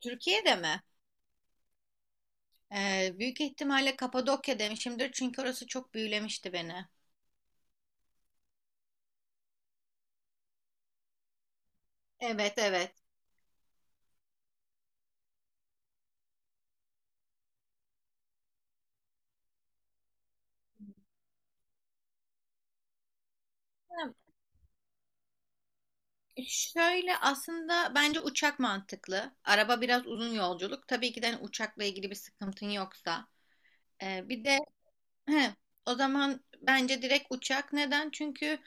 Türkiye'de mi? Büyük ihtimalle Kapadokya demişimdir çünkü orası çok büyülemişti beni. Evet evet. Ha, Şöyle aslında bence uçak mantıklı. Araba biraz uzun yolculuk. Tabii ki de hani uçakla ilgili bir sıkıntın yoksa. Bir de he, o zaman bence direkt uçak. Neden? Çünkü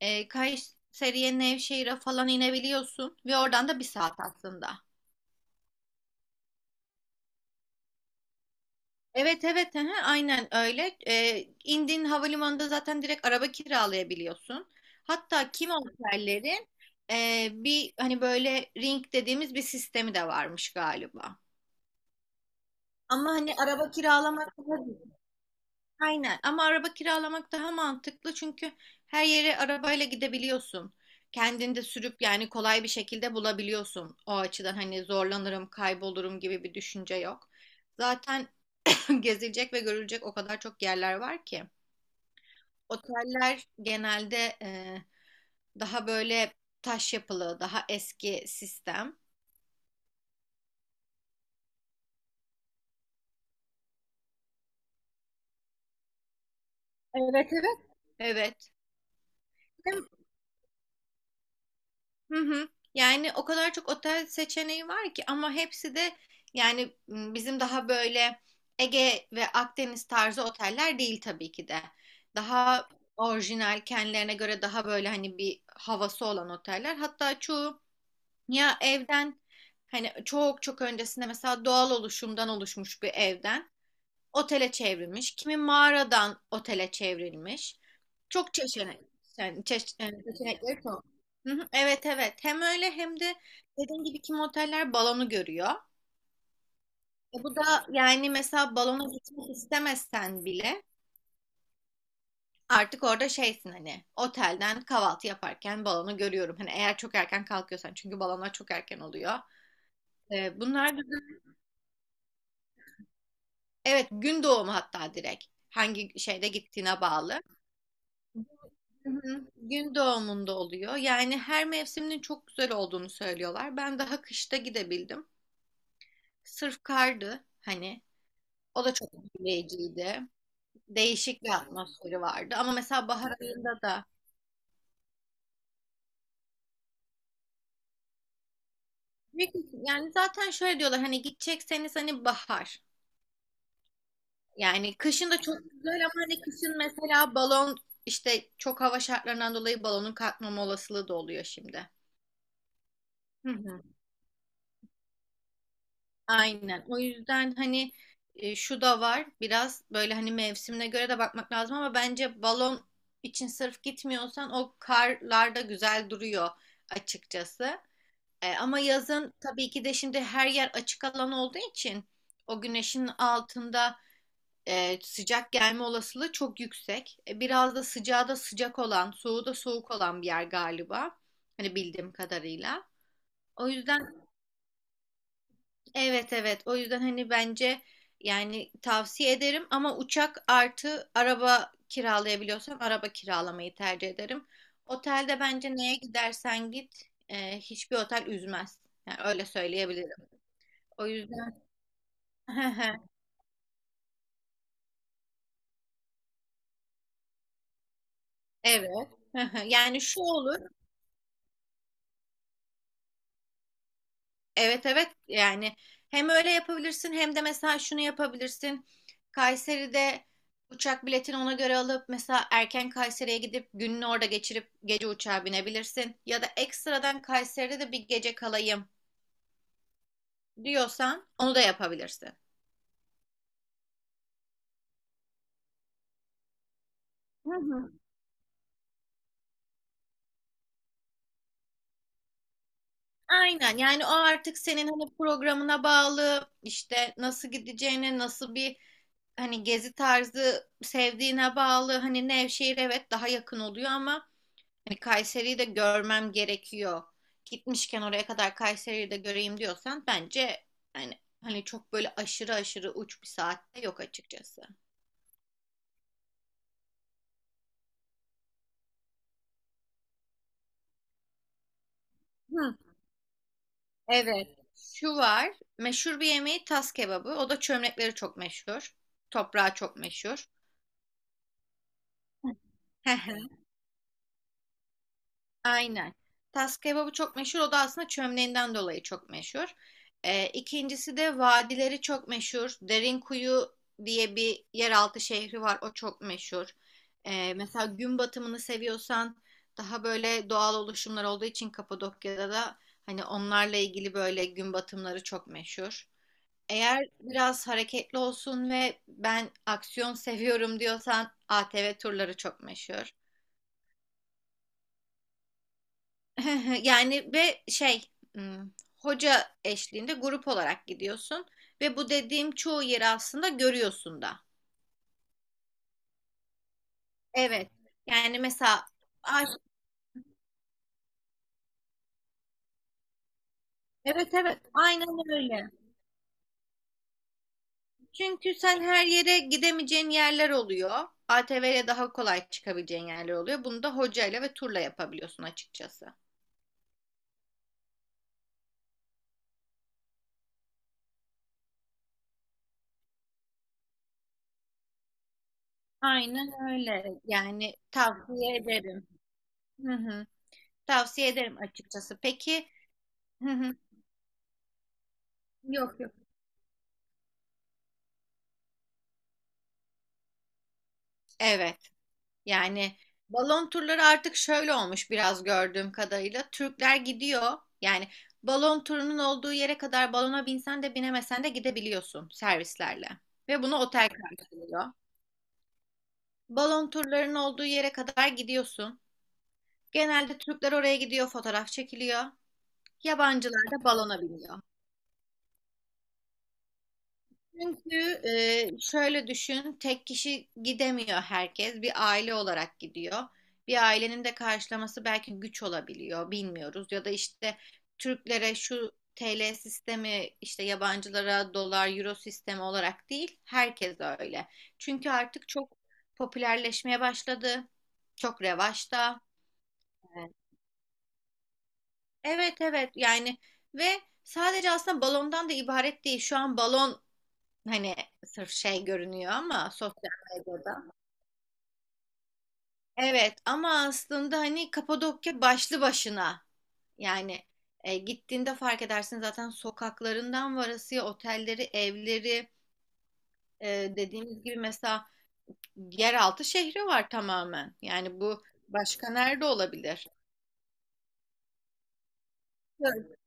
Kayseri'ye, Nevşehir'e falan inebiliyorsun ve oradan da bir saat aslında. Evet evet aha, aynen öyle. İndiğin havalimanında zaten direkt araba kiralayabiliyorsun. Hatta kimi otellerin bir hani böyle ring dediğimiz bir sistemi de varmış galiba. Ama hani araba kiralamak daha Aynen ama araba kiralamak daha mantıklı çünkü her yere arabayla gidebiliyorsun. Kendin de sürüp yani kolay bir şekilde bulabiliyorsun. O açıdan hani zorlanırım, kaybolurum gibi bir düşünce yok. Zaten gezilecek ve görülecek o kadar çok yerler var ki. Oteller genelde daha böyle taş yapılı, daha eski sistem. Evet evet. Evet. Hı hı. Yani o kadar çok otel seçeneği var ki ama hepsi de yani bizim daha böyle Ege ve Akdeniz tarzı oteller değil tabii ki de. Daha orijinal kendilerine göre daha böyle hani bir havası olan oteller. Hatta çoğu Ya evden hani çok çok öncesinde mesela doğal oluşumdan oluşmuş bir evden otele çevrilmiş. Kimi mağaradan otele çevrilmiş. Çok çeşitli. Yani seçenekleri çok. Hı hı, evet evet. Hem öyle hem de dediğim gibi kimi oteller balonu görüyor. E bu da yani mesela balona gitmek istemezsen bile artık orada şeysin hani otelden kahvaltı yaparken balonu görüyorum. Hani eğer çok erken kalkıyorsan çünkü balonlar çok erken oluyor. E, bunlar da Evet, gün doğumu hatta direkt. Hangi şeyde gittiğine bağlı. Hı hı. Gün doğumunda oluyor. Yani her mevsiminin çok güzel olduğunu söylüyorlar. Ben daha kışta gidebildim. Sırf kardı hani. O da çok etkileyiciydi. Değişik bir atmosferi vardı. Ama mesela bahar ayında da yani zaten şöyle diyorlar hani gidecekseniz hani bahar. Yani kışın da çok güzel ama hani kışın mesela işte çok hava şartlarından dolayı balonun kalkmama olasılığı da oluyor şimdi. Hı hı. Aynen. O yüzden hani şu da var. Biraz böyle hani mevsimine göre de bakmak lazım ama bence balon için sırf gitmiyorsan o karlarda güzel duruyor açıkçası. Ama yazın tabii ki de şimdi her yer açık alan olduğu için o güneşin altında sıcak gelme olasılığı çok yüksek. Biraz da sıcağı da sıcak olan, soğuğu da soğuk olan bir yer galiba. Hani bildiğim kadarıyla. O yüzden evet evet o yüzden hani bence yani tavsiye ederim ama uçak artı araba kiralayabiliyorsam araba kiralamayı tercih ederim. Otelde bence neye gidersen git hiçbir otel üzmez. Yani öyle söyleyebilirim. O yüzden evet yani şu olur evet evet yani hem öyle yapabilirsin hem de mesela şunu yapabilirsin. Kayseri'de uçak biletini ona göre alıp mesela erken Kayseri'ye gidip gününü orada geçirip gece uçağa binebilirsin. Ya da ekstradan Kayseri'de de bir gece kalayım diyorsan onu da yapabilirsin. Hı hı. Aynen yani o artık senin hani programına bağlı işte nasıl gideceğine nasıl bir hani gezi tarzı sevdiğine bağlı hani Nevşehir evet daha yakın oluyor ama hani Kayseri'yi de görmem gerekiyor. Gitmişken oraya kadar Kayseri'yi de göreyim diyorsan bence hani çok böyle aşırı uç bir saatte yok açıkçası. Hı, evet. Şu var. Meşhur bir yemeği tas kebabı. O da çömlekleri çok meşhur. Toprağı çok meşhur. Aynen. Tas kebabı çok meşhur. O da aslında çömleğinden dolayı çok meşhur. İkincisi de vadileri çok meşhur. Derinkuyu diye bir yeraltı şehri var. O çok meşhur. Mesela gün batımını seviyorsan daha böyle doğal oluşumlar olduğu için Kapadokya'da da hani onlarla ilgili böyle gün batımları çok meşhur. Eğer biraz hareketli olsun ve ben aksiyon seviyorum diyorsan ATV turları çok meşhur. Yani ve hmm, hoca eşliğinde grup olarak gidiyorsun ve bu dediğim çoğu yeri aslında görüyorsun da. Evet. Yani mesela ay, evet evet aynen öyle. Çünkü sen her yere gidemeyeceğin yerler oluyor. ATV'ye daha kolay çıkabileceğin yerler oluyor. Bunu da hocayla ve turla yapabiliyorsun açıkçası. Aynen öyle. Yani tavsiye ederim. Hı hı. Tavsiye ederim açıkçası. Peki. Hı hı. Yok yok. Evet. Yani balon turları artık şöyle olmuş biraz gördüğüm kadarıyla. Türkler gidiyor. Yani balon turunun olduğu yere kadar balona binsen de binemesen de gidebiliyorsun servislerle. Ve bunu otel karşılıyor. Balon turlarının olduğu yere kadar gidiyorsun. Genelde Türkler oraya gidiyor, fotoğraf çekiliyor. Yabancılar da balona biniyor. Çünkü şöyle düşün, tek kişi gidemiyor herkes. Bir aile olarak gidiyor. Bir ailenin de karşılaması belki güç olabiliyor, bilmiyoruz. Ya da işte Türklere şu TL sistemi, işte yabancılara dolar, euro sistemi olarak değil, herkes öyle. Çünkü artık çok popülerleşmeye başladı. Çok revaçta. Evet evet yani ve sadece aslında balondan da ibaret değil. Şu an hani sırf şey görünüyor ama sosyal medyada. Evet ama aslında hani Kapadokya başlı başına. Yani gittiğinde fark edersin zaten sokaklarından varasıya otelleri, evleri dediğimiz gibi mesela yeraltı şehri var tamamen. Yani bu başka nerede olabilir? Evet.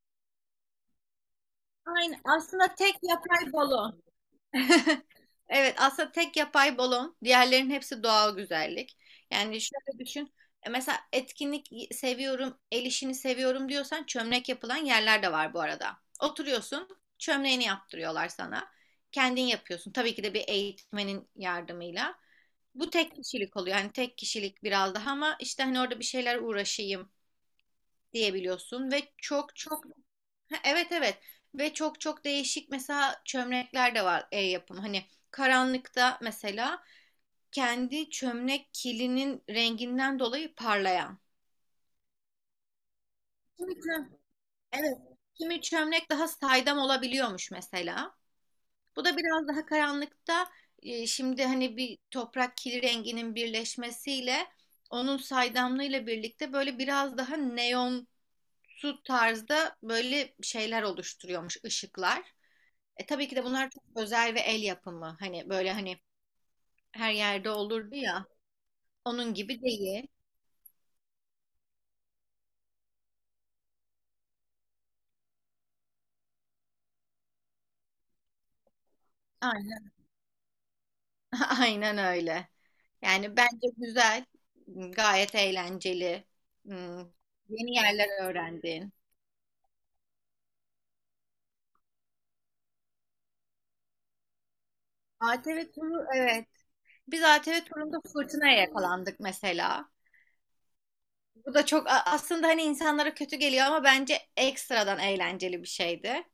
Aynen. Aslında tek yapay balon. Evet, aslında tek yapay balon, diğerlerinin hepsi doğal güzellik. Yani şöyle düşün, mesela etkinlik seviyorum, el işini seviyorum diyorsan çömlek yapılan yerler de var bu arada. Oturuyorsun, çömleğini yaptırıyorlar sana. Kendin yapıyorsun. Tabii ki de bir eğitmenin yardımıyla. Bu tek kişilik oluyor. Yani tek kişilik biraz daha ama işte hani orada bir şeyler uğraşayım diyebiliyorsun ve çok çok ha, evet evet ve çok çok değişik mesela çömlekler de var el yapım hani karanlıkta mesela kendi çömlek kilinin renginden dolayı parlayan. Kimi çö- evet. Kimi çömlek daha saydam olabiliyormuş mesela. Bu da biraz daha karanlıkta şimdi hani bir toprak kili renginin birleşmesiyle onun saydamlığıyla birlikte böyle biraz daha neon su tarzda böyle şeyler oluşturuyormuş ışıklar. E tabii ki de bunlar çok özel ve el yapımı. Hani böyle hani her yerde olurdu ya. Onun gibi değil. Aynen. Aynen öyle. Yani bence güzel, gayet eğlenceli. Hmm, yeni yerler öğrendin. ATV turu evet. Biz ATV turunda fırtınaya yakalandık mesela. Bu da çok aslında hani insanlara kötü geliyor ama bence ekstradan eğlenceli bir şeydi.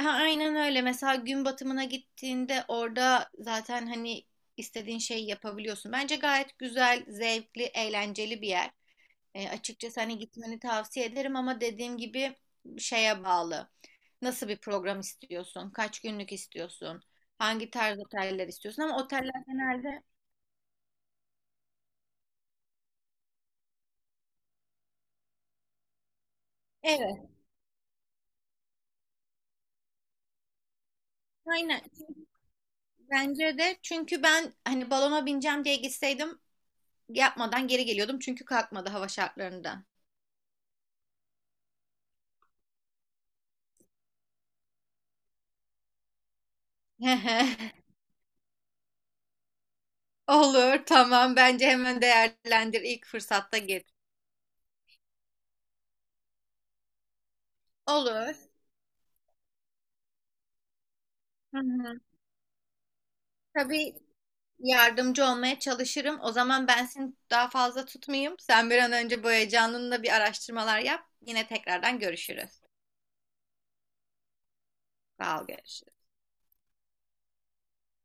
Ha, aynen öyle. Mesela gün batımına gittiğinde orada zaten hani istediğin şeyi yapabiliyorsun. Bence gayet güzel, zevkli, eğlenceli bir yer. Açıkçası hani gitmeni tavsiye ederim ama dediğim gibi şeye bağlı. Nasıl bir program istiyorsun? Kaç günlük istiyorsun? Hangi tarz oteller istiyorsun? Ama oteller genelde evet, aynen. Bence de çünkü ben hani balona bineceğim diye gitseydim yapmadan geri geliyordum çünkü kalkmadı hava şartlarından. Olur, tamam. Bence hemen değerlendir ilk fırsatta git. Olur. Hı hı. Tabii yardımcı olmaya çalışırım. O zaman ben seni daha fazla tutmayayım. Sen bir an önce bu heyecanınla bir araştırmalar yap. Yine tekrardan görüşürüz. Sağ ol, görüşürüz.